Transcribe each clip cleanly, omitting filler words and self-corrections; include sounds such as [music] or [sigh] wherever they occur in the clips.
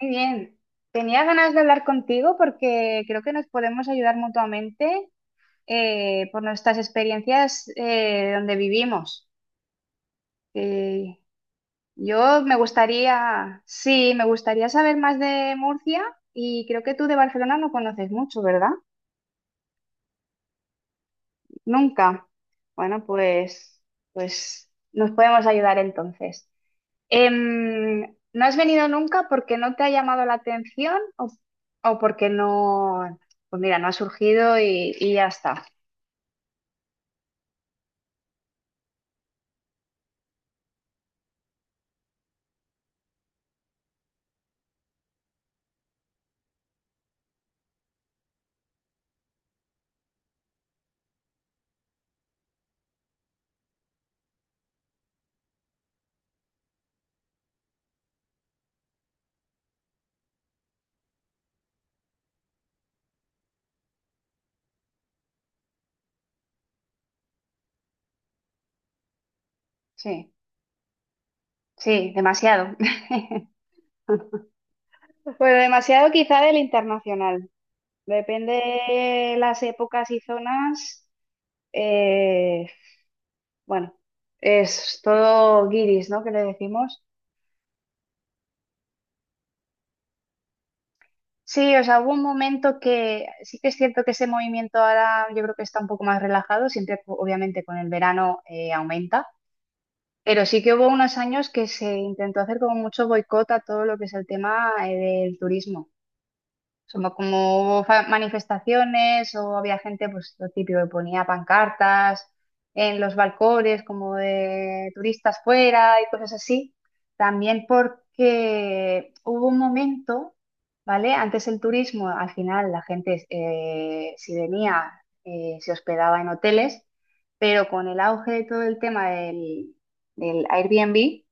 Muy bien. Tenía ganas de hablar contigo porque creo que nos podemos ayudar mutuamente por nuestras experiencias donde vivimos. Eh, yo me gustaría, sí, me gustaría saber más de Murcia y creo que tú de Barcelona no conoces mucho, ¿verdad? Nunca. Bueno, pues, pues nos podemos ayudar entonces. Em, ¿No has venido nunca porque no te ha llamado la atención o porque no, pues mira, no ha surgido y ya está? Sí, sí, demasiado. [laughs] Bueno, demasiado quizá del internacional. Depende las épocas y zonas. eh, bueno, es todo guiris, ¿no? Que le decimos. Sí, o sea, hubo un momento que sí que es cierto que ese movimiento ahora yo creo que está un poco más relajado, siempre obviamente con el verano aumenta, pero sí que hubo unos años que se intentó hacer como mucho boicot a todo lo que es el tema del turismo. Somos como hubo manifestaciones o había gente, pues lo típico, que ponía pancartas en los balcones, como de turistas fuera y cosas así. También porque hubo un momento, ¿vale? Antes el turismo, al final la gente, si venía, se hospedaba en hoteles, pero con el auge de todo el tema del, del Airbnb,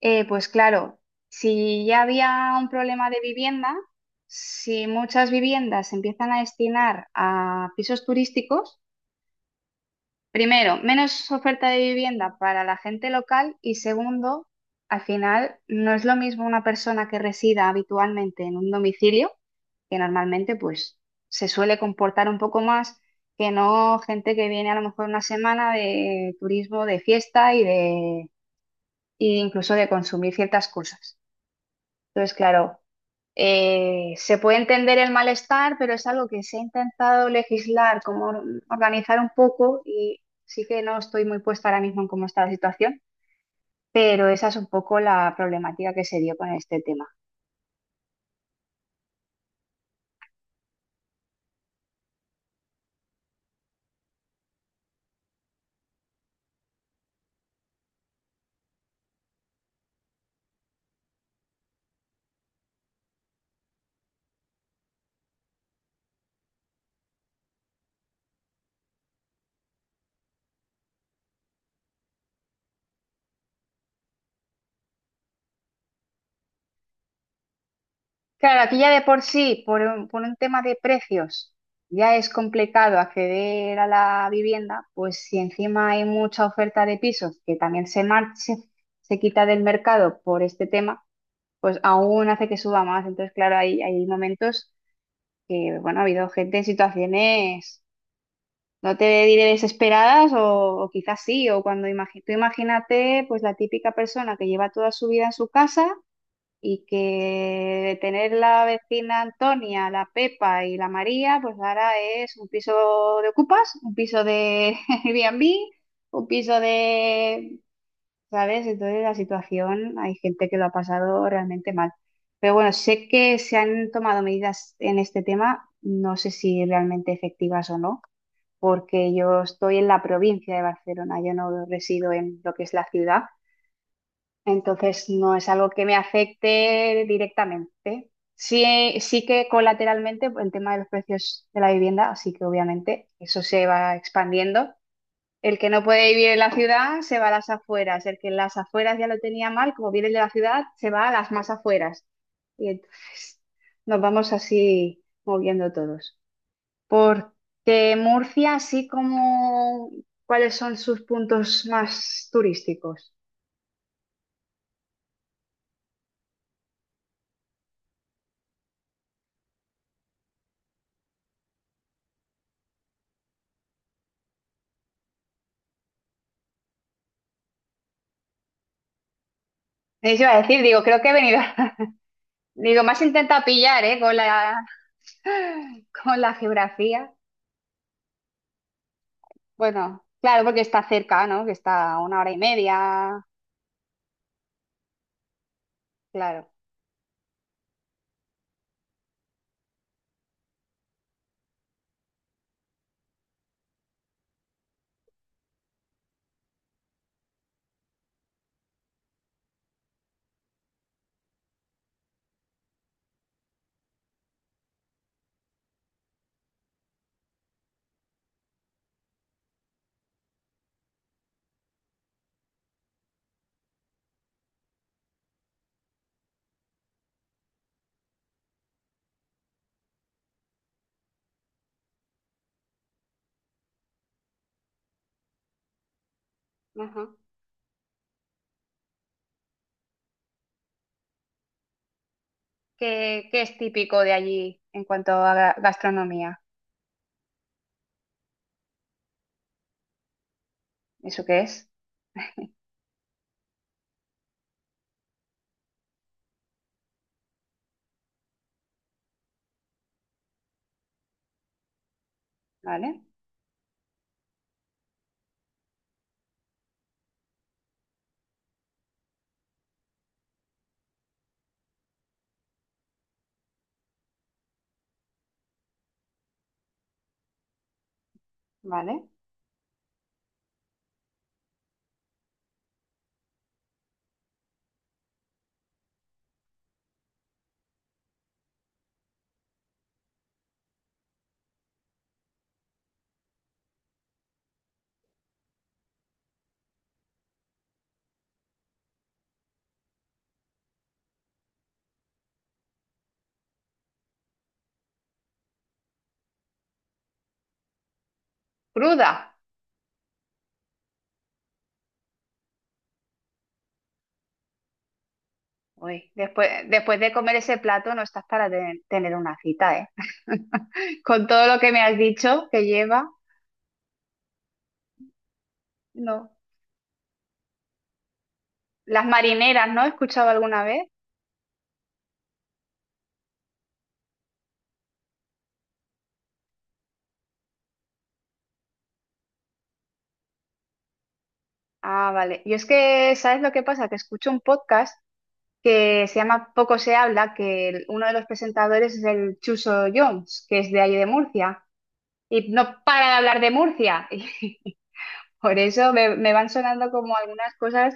pues claro, si ya había un problema de vivienda, si muchas viviendas se empiezan a destinar a pisos turísticos, primero, menos oferta de vivienda para la gente local y segundo, al final no es lo mismo una persona que resida habitualmente en un domicilio, que normalmente pues se suele comportar un poco más, que no gente que viene a lo mejor una semana de turismo, de fiesta y de, e incluso de consumir ciertas cosas. Entonces, claro, se puede entender el malestar, pero es algo que se ha intentado legislar, como organizar un poco, y sí que no estoy muy puesta ahora mismo en cómo está la situación, pero esa es un poco la problemática que se dio con este tema. Claro, aquí ya de por sí, por un tema de precios, ya es complicado acceder a la vivienda, pues si encima hay mucha oferta de pisos que también se, se quita del mercado por este tema pues aún hace que suba más. Entonces, claro, hay momentos que, bueno, ha habido gente en situaciones, no te diré desesperadas o quizás sí, o cuando tú imagínate, pues la típica persona que lleva toda su vida en su casa y que tener la vecina Antonia, la Pepa y la María, pues ahora es un piso de ocupas, un piso de [laughs] Airbnb. Un piso de ¿sabes? Entonces la situación, hay gente que lo ha pasado realmente mal. Pero bueno, sé que se han tomado medidas en este tema, no sé si realmente efectivas o no, porque yo estoy en la provincia de Barcelona, yo no resido en lo que es la ciudad, entonces no es algo que me afecte directamente. Sí, sí que colateralmente el tema de los precios de la vivienda, así que obviamente eso se va expandiendo el que no puede vivir en la ciudad se va a las afueras. El que en las afueras ya lo tenía mal, como viene de la ciudad, se va a las más afueras. Y entonces nos vamos así moviendo todos. Porque Murcia, así como, ¿cuáles son sus puntos más turísticos? Eso iba a decir, digo, creo que he venido. [laughs] Digo, más intenta pillar, ¿eh? Con la, [laughs] con la geografía. Bueno, claro, porque está cerca, ¿no? Que está a 1 hora y media. Claro. Ajá. ¿Qué, qué es típico de allí en cuanto a gastronomía? ¿Eso qué es? ¿Vale? ¿Vale? Cruda. Uy, después, después de comer ese plato no estás para tener una cita, ¿eh? [laughs] Con todo lo que me has dicho que lleva, no. Las marineras, ¿no? ¿He escuchado alguna vez? Ah, vale. Yo es que, ¿sabes lo que pasa? Que escucho un podcast que se llama Poco se habla, que uno de los presentadores es el Chuso Jones, que es de allí de Murcia, y no para de hablar de Murcia. [laughs] Por eso me, me van sonando como algunas cosas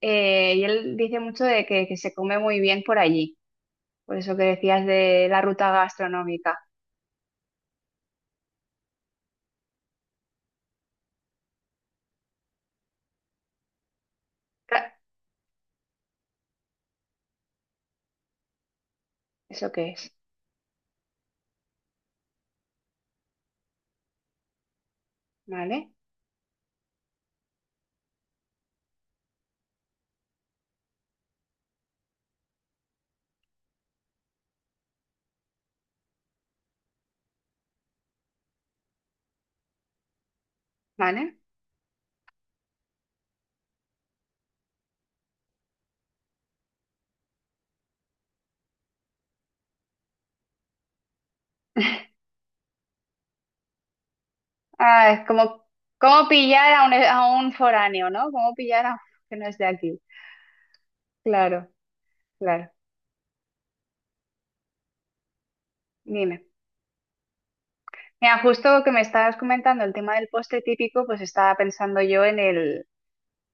y él dice mucho de que se come muy bien por allí, por eso que decías de la ruta gastronómica. Ca- ¿Eso qué es? ¿Vale? ¿Vale? Ah, es como, como pillar a un foráneo, ¿no? Como pillar a un [laughs] que no es de aquí. Claro, claro. Dime. Mira, justo que me estabas comentando el tema del postre típico, pues estaba pensando yo en el,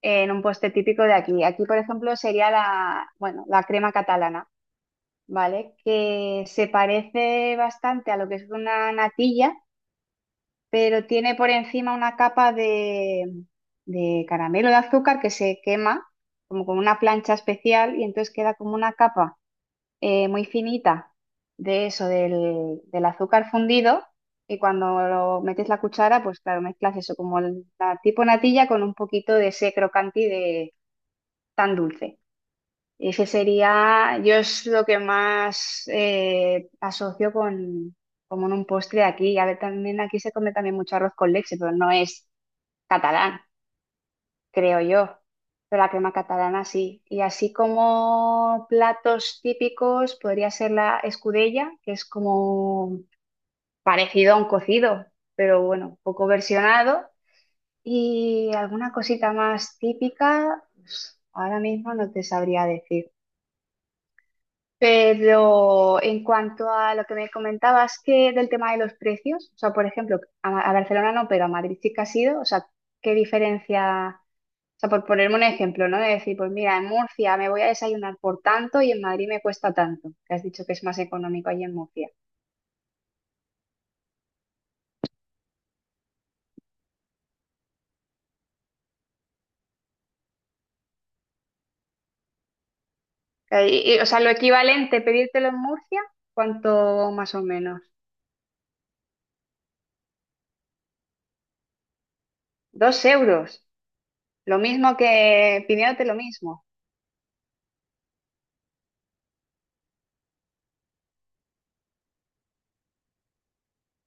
en un postre típico de aquí. Aquí, por ejemplo, sería la, bueno, la crema catalana ¿vale? Que se parece bastante a lo que es una natilla, pero tiene por encima una capa de caramelo de azúcar que se quema como con una plancha especial y entonces queda como una capa muy finita de eso, del, del azúcar fundido. Y cuando lo metes la cuchara, pues claro, mezclas eso como la tipo natilla con un poquito de ese crocanti de tan dulce. Ese sería, yo es lo que más asocio con, como en un postre de aquí. A ver, también aquí se come también mucho arroz con leche, pero no es catalán, creo yo. Pero la crema catalana sí. Y así como platos típicos, podría ser la escudella, que es como parecido a un cocido, pero bueno, un poco versionado. Y alguna cosita más típica, pues, ahora mismo no te sabría decir. Pero en cuanto a lo que me comentabas que del tema de los precios, o sea, por ejemplo, a, a Barcelona no, pero a Madrid sí que has ido, o sea, ¿qué diferencia? O sea, por ponerme un ejemplo, ¿no? De decir, pues mira, en Murcia me voy a desayunar por tanto y en Madrid me cuesta tanto, que has dicho que es más económico allí en Murcia. Y, o sea, lo equivalente, pedírtelo en Murcia, ¿cuánto más o menos? 2 euros, lo mismo que pidiéndote lo mismo.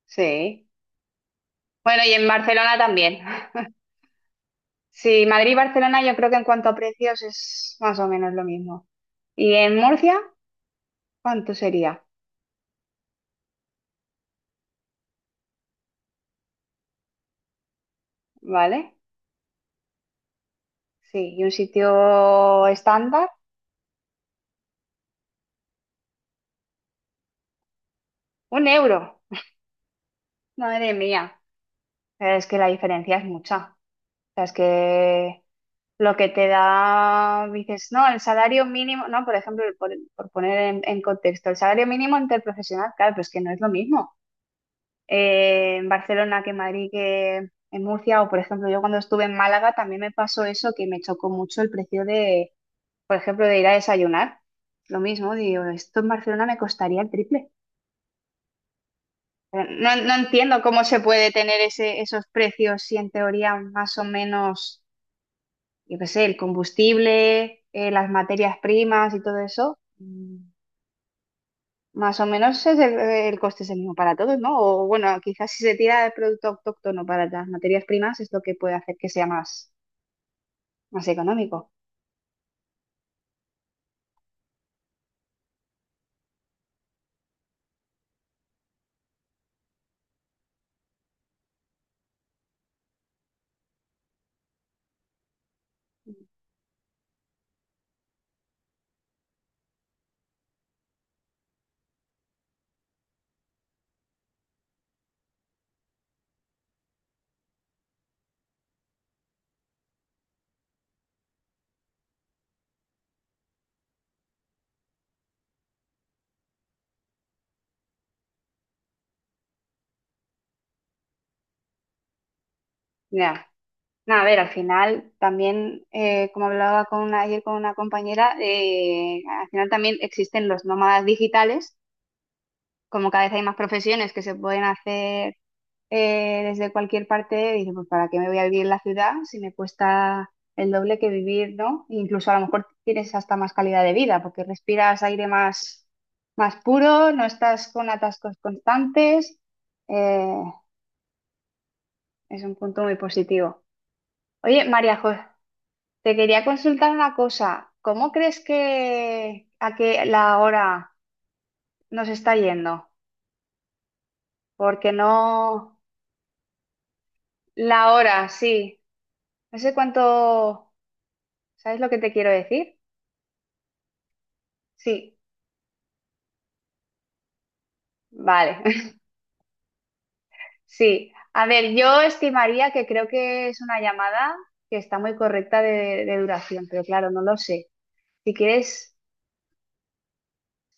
Sí. Bueno, y en Barcelona también. Sí, Madrid y Barcelona yo creo que en cuanto a precios es más o menos lo mismo. ¿Y en Murcia cuánto sería? ¿Vale? Sí, y un sitio estándar, 1 euro. Madre mía, pero es que la diferencia es mucha. O sea, es que lo que te da, dices, no, el salario mínimo, no, por ejemplo, por poner en contexto, el salario mínimo interprofesional, claro, pues que no es lo mismo. En Barcelona que en Madrid que en Murcia. O, por ejemplo, yo cuando estuve en Málaga también me pasó eso, que me chocó mucho el precio de, por ejemplo, de ir a desayunar. Lo mismo, digo, esto en Barcelona me costaría el triple. Pero no, no entiendo cómo se puede tener ese, esos precios si en teoría más o menos, yo qué sé, el combustible, las materias primas y todo eso. Mm, más o menos es el coste es el mismo para todos, ¿no? O bueno, quizás si se tira el producto autóctono para las materias primas es lo que puede hacer que sea más, más económico. Ya. No, a ver, al final también, como hablaba con ayer con una compañera, al final también existen los nómadas digitales como cada vez hay más profesiones que se pueden hacer desde cualquier parte, dices pues ¿para qué me voy a vivir en la ciudad si me cuesta el doble que vivir, ¿no? Incluso a lo mejor tienes hasta más calidad de vida porque respiras aire más, más puro, no estás con atascos constantes. eh, es un punto muy positivo. Oye, María José, te quería consultar una cosa. ¿Cómo crees que a qué la hora nos está yendo? Porque no... La hora, sí. No sé cuánto, ¿sabes lo que te quiero decir? Sí, vale, [laughs] sí. A ver, yo estimaría que creo que es una llamada que está muy correcta de duración, pero claro, no lo sé. Si quieres,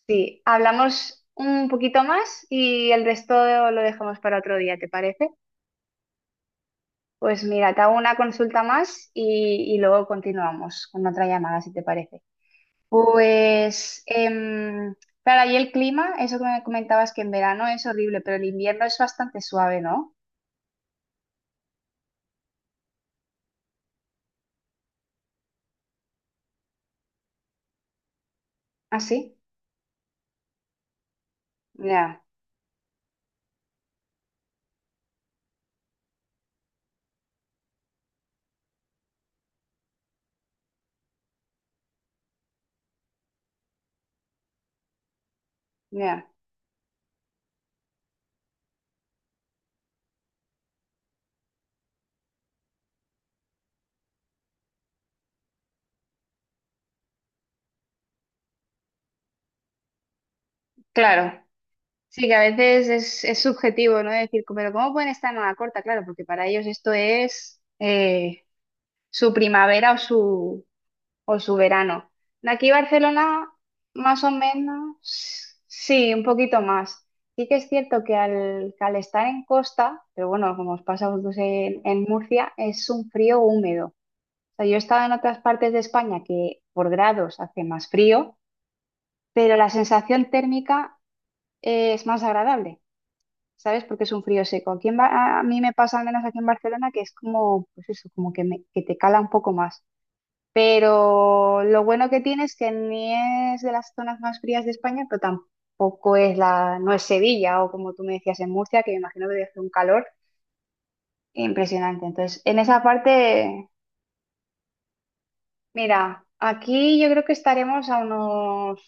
sí, hablamos un poquito más y el resto lo dejamos para otro día, ¿te parece? Pues mira, te hago una consulta más y luego continuamos con otra llamada, si te parece. Pues, claro, ahí el clima, eso que me comentabas que en verano es horrible, pero el invierno es bastante suave, ¿no? ¿Ah, sí? Ya, ya. Claro. Sí, que a veces es subjetivo, ¿no? Decir, pero ¿cómo pueden estar en una corta? Claro, porque para ellos esto es su primavera o su verano. De aquí a Barcelona, más o menos, sí, un poquito más. Sí que es cierto que al estar en costa, pero bueno, como os pasa a vosotros en Murcia, es un frío húmedo. O sea, yo he estado en otras partes de España que por grados hace más frío, pero la sensación térmica es más agradable, ¿sabes? Porque es un frío seco. Aquí en a mí me pasa al menos aquí en Barcelona que es como, pues eso, como que, que te cala un poco más. Pero lo bueno que tiene es que ni es de las zonas más frías de España, pero tampoco es la, no es Sevilla o como tú me decías en Murcia, que me imagino que debe hacer un calor impresionante. Entonces, en esa parte, mira, aquí yo creo que estaremos a unos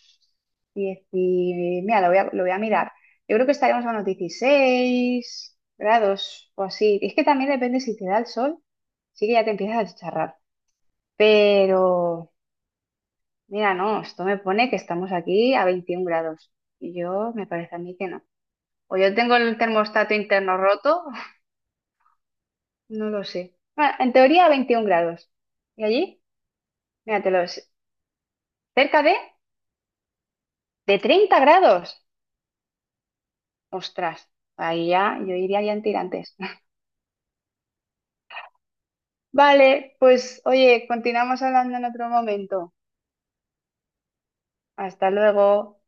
10, mira, lo voy a mirar. Yo creo que estaremos a unos 16 grados o así. Es que también depende si te da el sol, sí que ya te empiezas a chicharrar. Pero mira, no, esto me pone que estamos aquí a 21 grados. Y yo, me parece a mí que no. O yo tengo el termostato interno roto, [laughs] no lo sé. Bueno, en teoría a 21 grados. ¿Y allí? Míratelo, es cerca de 30 grados. Ostras, ahí ya, yo iría ya en tirantes. [laughs] Vale, pues oye, continuamos hablando en otro momento. Hasta luego.